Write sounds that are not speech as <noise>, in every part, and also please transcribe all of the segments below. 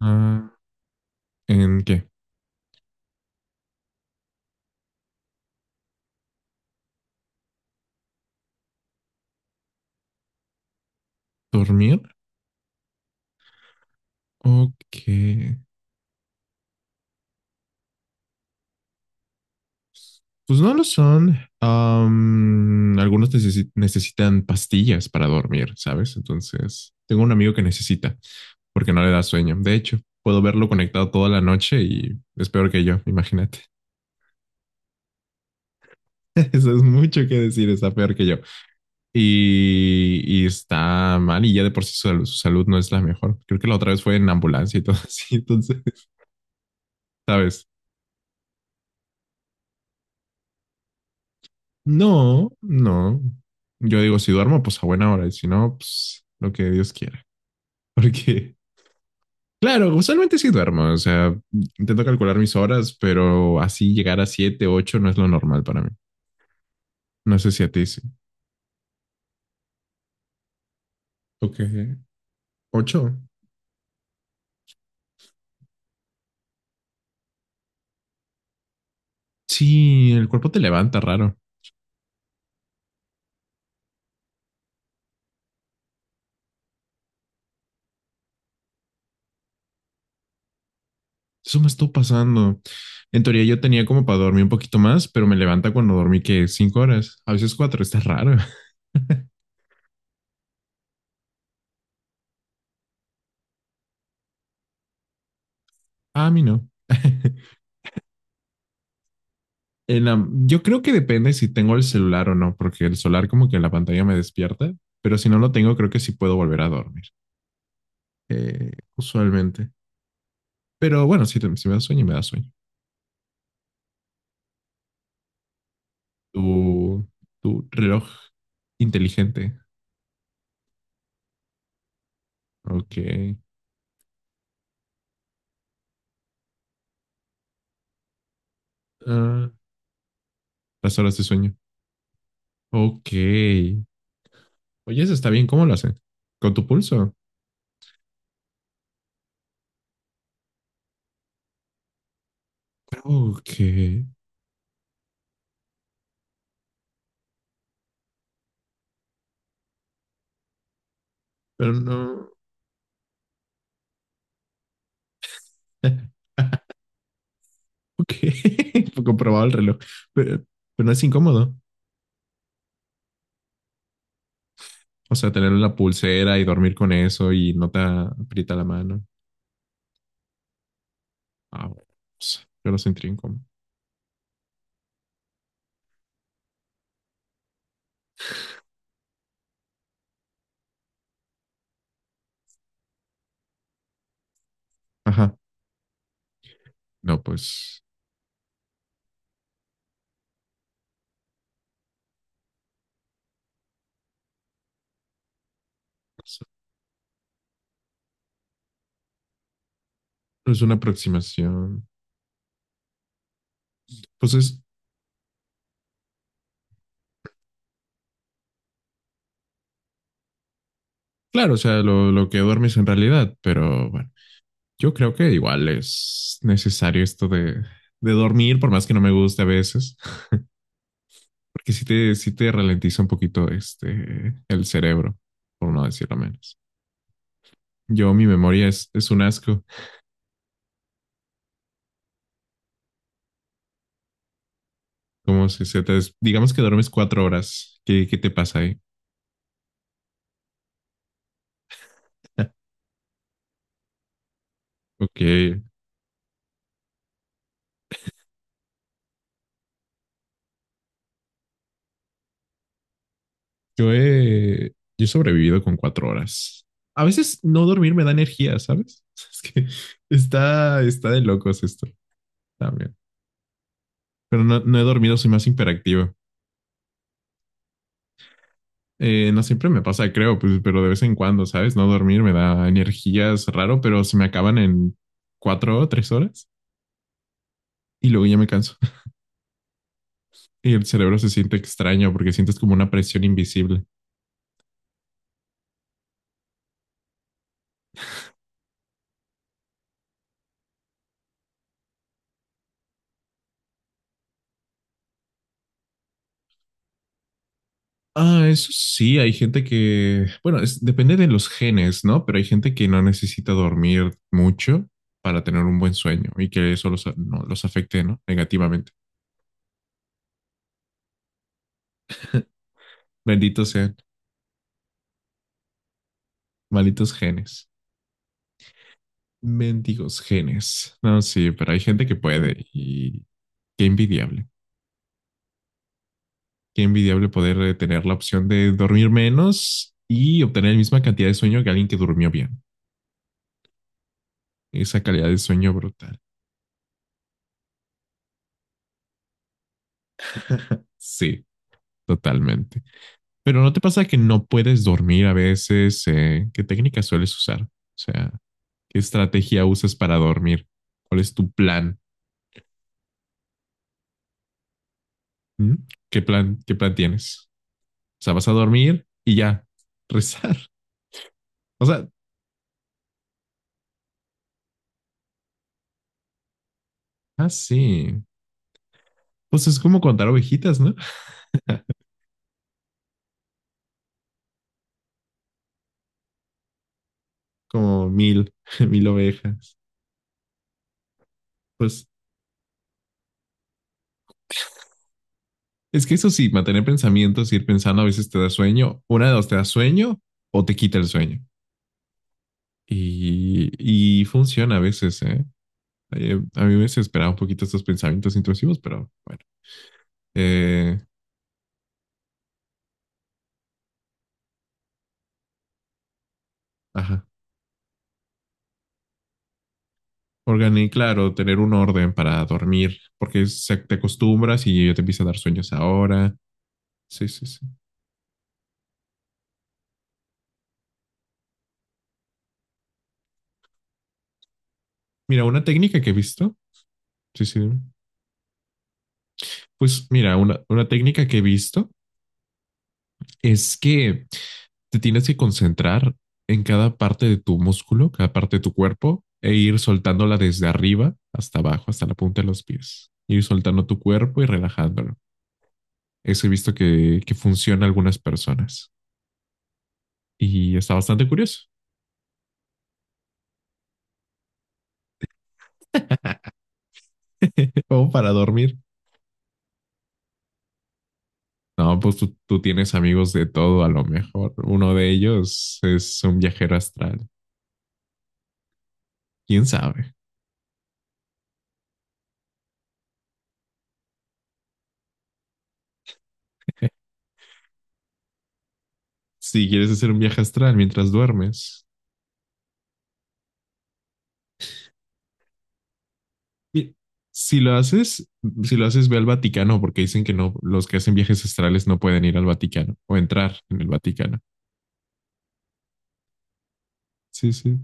Ah, ¿en qué? ¿Dormir? Ok. Pues no lo son. Algunos necesitan pastillas para dormir, ¿sabes? Entonces, tengo un amigo que necesita porque no le da sueño. De hecho, puedo verlo conectado toda la noche y es peor que yo, imagínate. <laughs> Eso es mucho que decir, está peor que yo. Y está mal y ya de por sí su salud no es la mejor. Creo que la otra vez fue en ambulancia y todo <laughs> así. Entonces, ¿sabes? No, no. Yo digo, si duermo, pues a buena hora, y si no, pues lo que Dios quiera. <laughs> Porque, claro, usualmente sí duermo, o sea, intento calcular mis horas, pero así llegar a siete, ocho no es lo normal para mí. No sé si a ti sí. Ok. ¿Ocho? Sí, el cuerpo te levanta raro. Eso me estuvo pasando. En teoría yo tenía como para dormir un poquito más, pero me levanta cuando dormí que cinco horas, a veces cuatro, está raro. <laughs> A mí no. <laughs> En yo creo que depende si tengo el celular o no, porque el celular como que la pantalla me despierta, pero si no lo tengo, creo que sí puedo volver a dormir, usualmente. Pero bueno, si me da sueño, me da sueño. Tu, tu reloj inteligente. Ok. Ah, las horas de sueño. Ok. Oye, eso está bien. ¿Cómo lo hacen? ¿Con tu pulso? Ok. Pero no. <laughs> Ok. <laughs> Comprobado el reloj. Pero, pero no es incómodo. O sea, tener una pulsera y dormir con eso y no te aprieta la mano. Ah, bueno, pues, yo lo sentiría incómodo. Ajá. No, pues es es una aproximación. Pues es, claro, o sea, lo que duermes en realidad, pero bueno, yo creo que igual es necesario esto de dormir, por más que no me guste a veces, <laughs> porque sí te ralentiza un poquito este, el cerebro, por no decirlo menos. Yo, mi memoria es un asco. Como si se digamos que duermes cuatro horas. ¿Qué te pasa ahí? Ok. Yo he, yo he sobrevivido con cuatro horas. A veces no dormir me da energía, ¿sabes? <laughs> Es que está, está de locos esto también. Pero no, no he dormido, soy más hiperactivo. No siempre me pasa, creo, pues, pero de vez en cuando, ¿sabes? No dormir me da energías raro, pero se me acaban en cuatro o tres horas y luego ya me canso. <laughs> Y el cerebro se siente extraño porque sientes como una presión invisible. Ah, eso sí, hay gente que, bueno, depende de los genes, ¿no? Pero hay gente que no necesita dormir mucho para tener un buen sueño y que eso los, no, los afecte, ¿no? Negativamente. Benditos sean, malditos genes. Mendigos genes. No, sí, pero hay gente que puede y qué envidiable. Qué envidiable poder tener la opción de dormir menos y obtener la misma cantidad de sueño que alguien que durmió bien. Esa calidad de sueño brutal. Sí, totalmente. Pero ¿no te pasa que no puedes dormir a veces? ¿eh? ¿Qué técnica sueles usar? O sea, ¿qué estrategia usas para dormir? ¿Cuál es tu plan? ¿Mm? ¿Qué plan tienes? O sea, vas a dormir y ya, <laughs> rezar. O sea, ah, sí. Pues es como contar ovejitas, ¿no? <laughs> Como mil, <laughs> mil ovejas. Pues es que eso sí, mantener pensamientos, ir pensando, a veces te da sueño. Una de dos, te da sueño o te quita el sueño. Y funciona a veces, ¿eh? A mí me desesperaba un poquito estos pensamientos intrusivos, pero bueno. Eh, ajá. Claro, tener un orden para dormir, porque te acostumbras y ya te empieza a dar sueños ahora. Sí, sí, sí. Mira, una técnica que he visto. Sí, sí. Pues mira, una técnica que he visto es que te tienes que concentrar en cada parte de tu músculo, cada parte de tu cuerpo, e ir soltándola desde arriba hasta abajo, hasta la punta de los pies. Ir soltando tu cuerpo y relajándolo. Eso he visto que funciona a algunas personas y está bastante curioso. <laughs> Como para dormir. No, pues tú tienes amigos de todo, a lo mejor. Uno de ellos es un viajero astral. ¿Quién sabe? <laughs> Si quieres hacer un viaje astral mientras duermes. Y si lo haces, si lo haces, ve al Vaticano, porque dicen que no, los que hacen viajes astrales no pueden ir al Vaticano o entrar en el Vaticano. Sí, sí.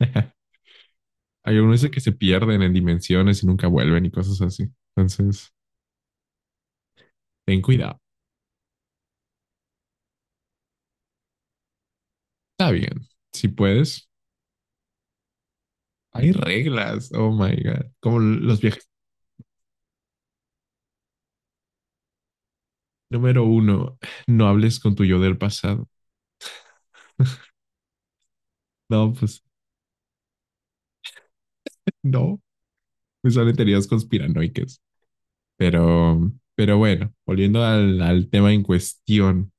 <laughs> Hay algunos que se pierden en dimensiones y nunca vuelven y cosas así. Entonces, ten cuidado. Está bien, si puedes. Hay reglas, oh my God. Como los viajes. Número uno, no hables con tu yo del pasado. No, pues no, me salen teorías conspiranoicas. Pero bueno, volviendo al tema en cuestión,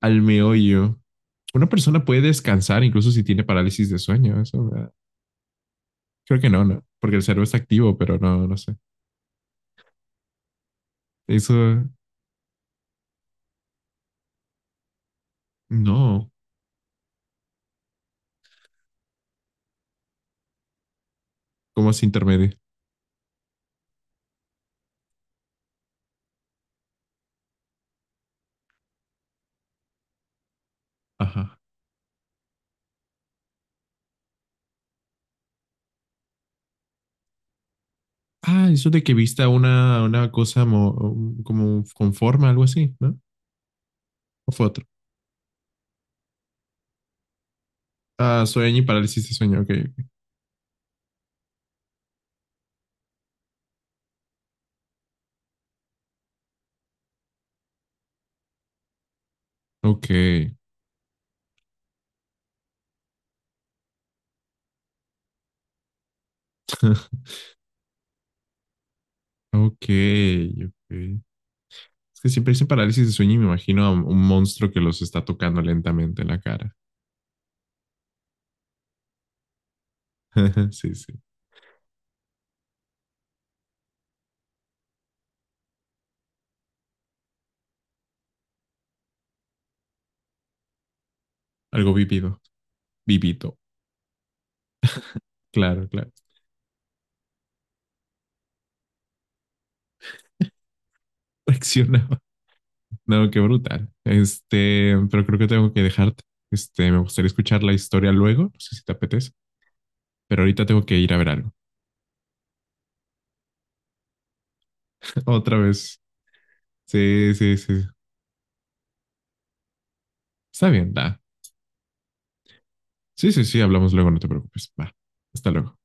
al meollo. Una persona puede descansar incluso si tiene parálisis de sueño. Eso, ¿verdad? Creo que no, no, porque el cerebro está activo, pero no, no sé. Eso, no, como se intermedia. Ajá. Ah, eso de que vista una cosa como con forma, algo así, ¿no? ¿O fue otro? Ah, sueño y parálisis de sueño, ok. Ok, <laughs> ok, ok. Es que siempre dicen parálisis de sueño y me imagino a un monstruo que los está tocando lentamente en la cara. <laughs> Sí, sí. Algo vivido, vivito. Claro, claro. <laughs> Reaccionaba. No, qué brutal. Este, pero creo que tengo que dejarte. Este, me gustaría escuchar la historia luego. No sé si te apetece, pero ahorita tengo que ir a ver algo. <laughs> Otra vez. Sí, sí, sí. Está bien, da. Sí, sí, sí, hablamos luego, no te preocupes. Va. Hasta luego.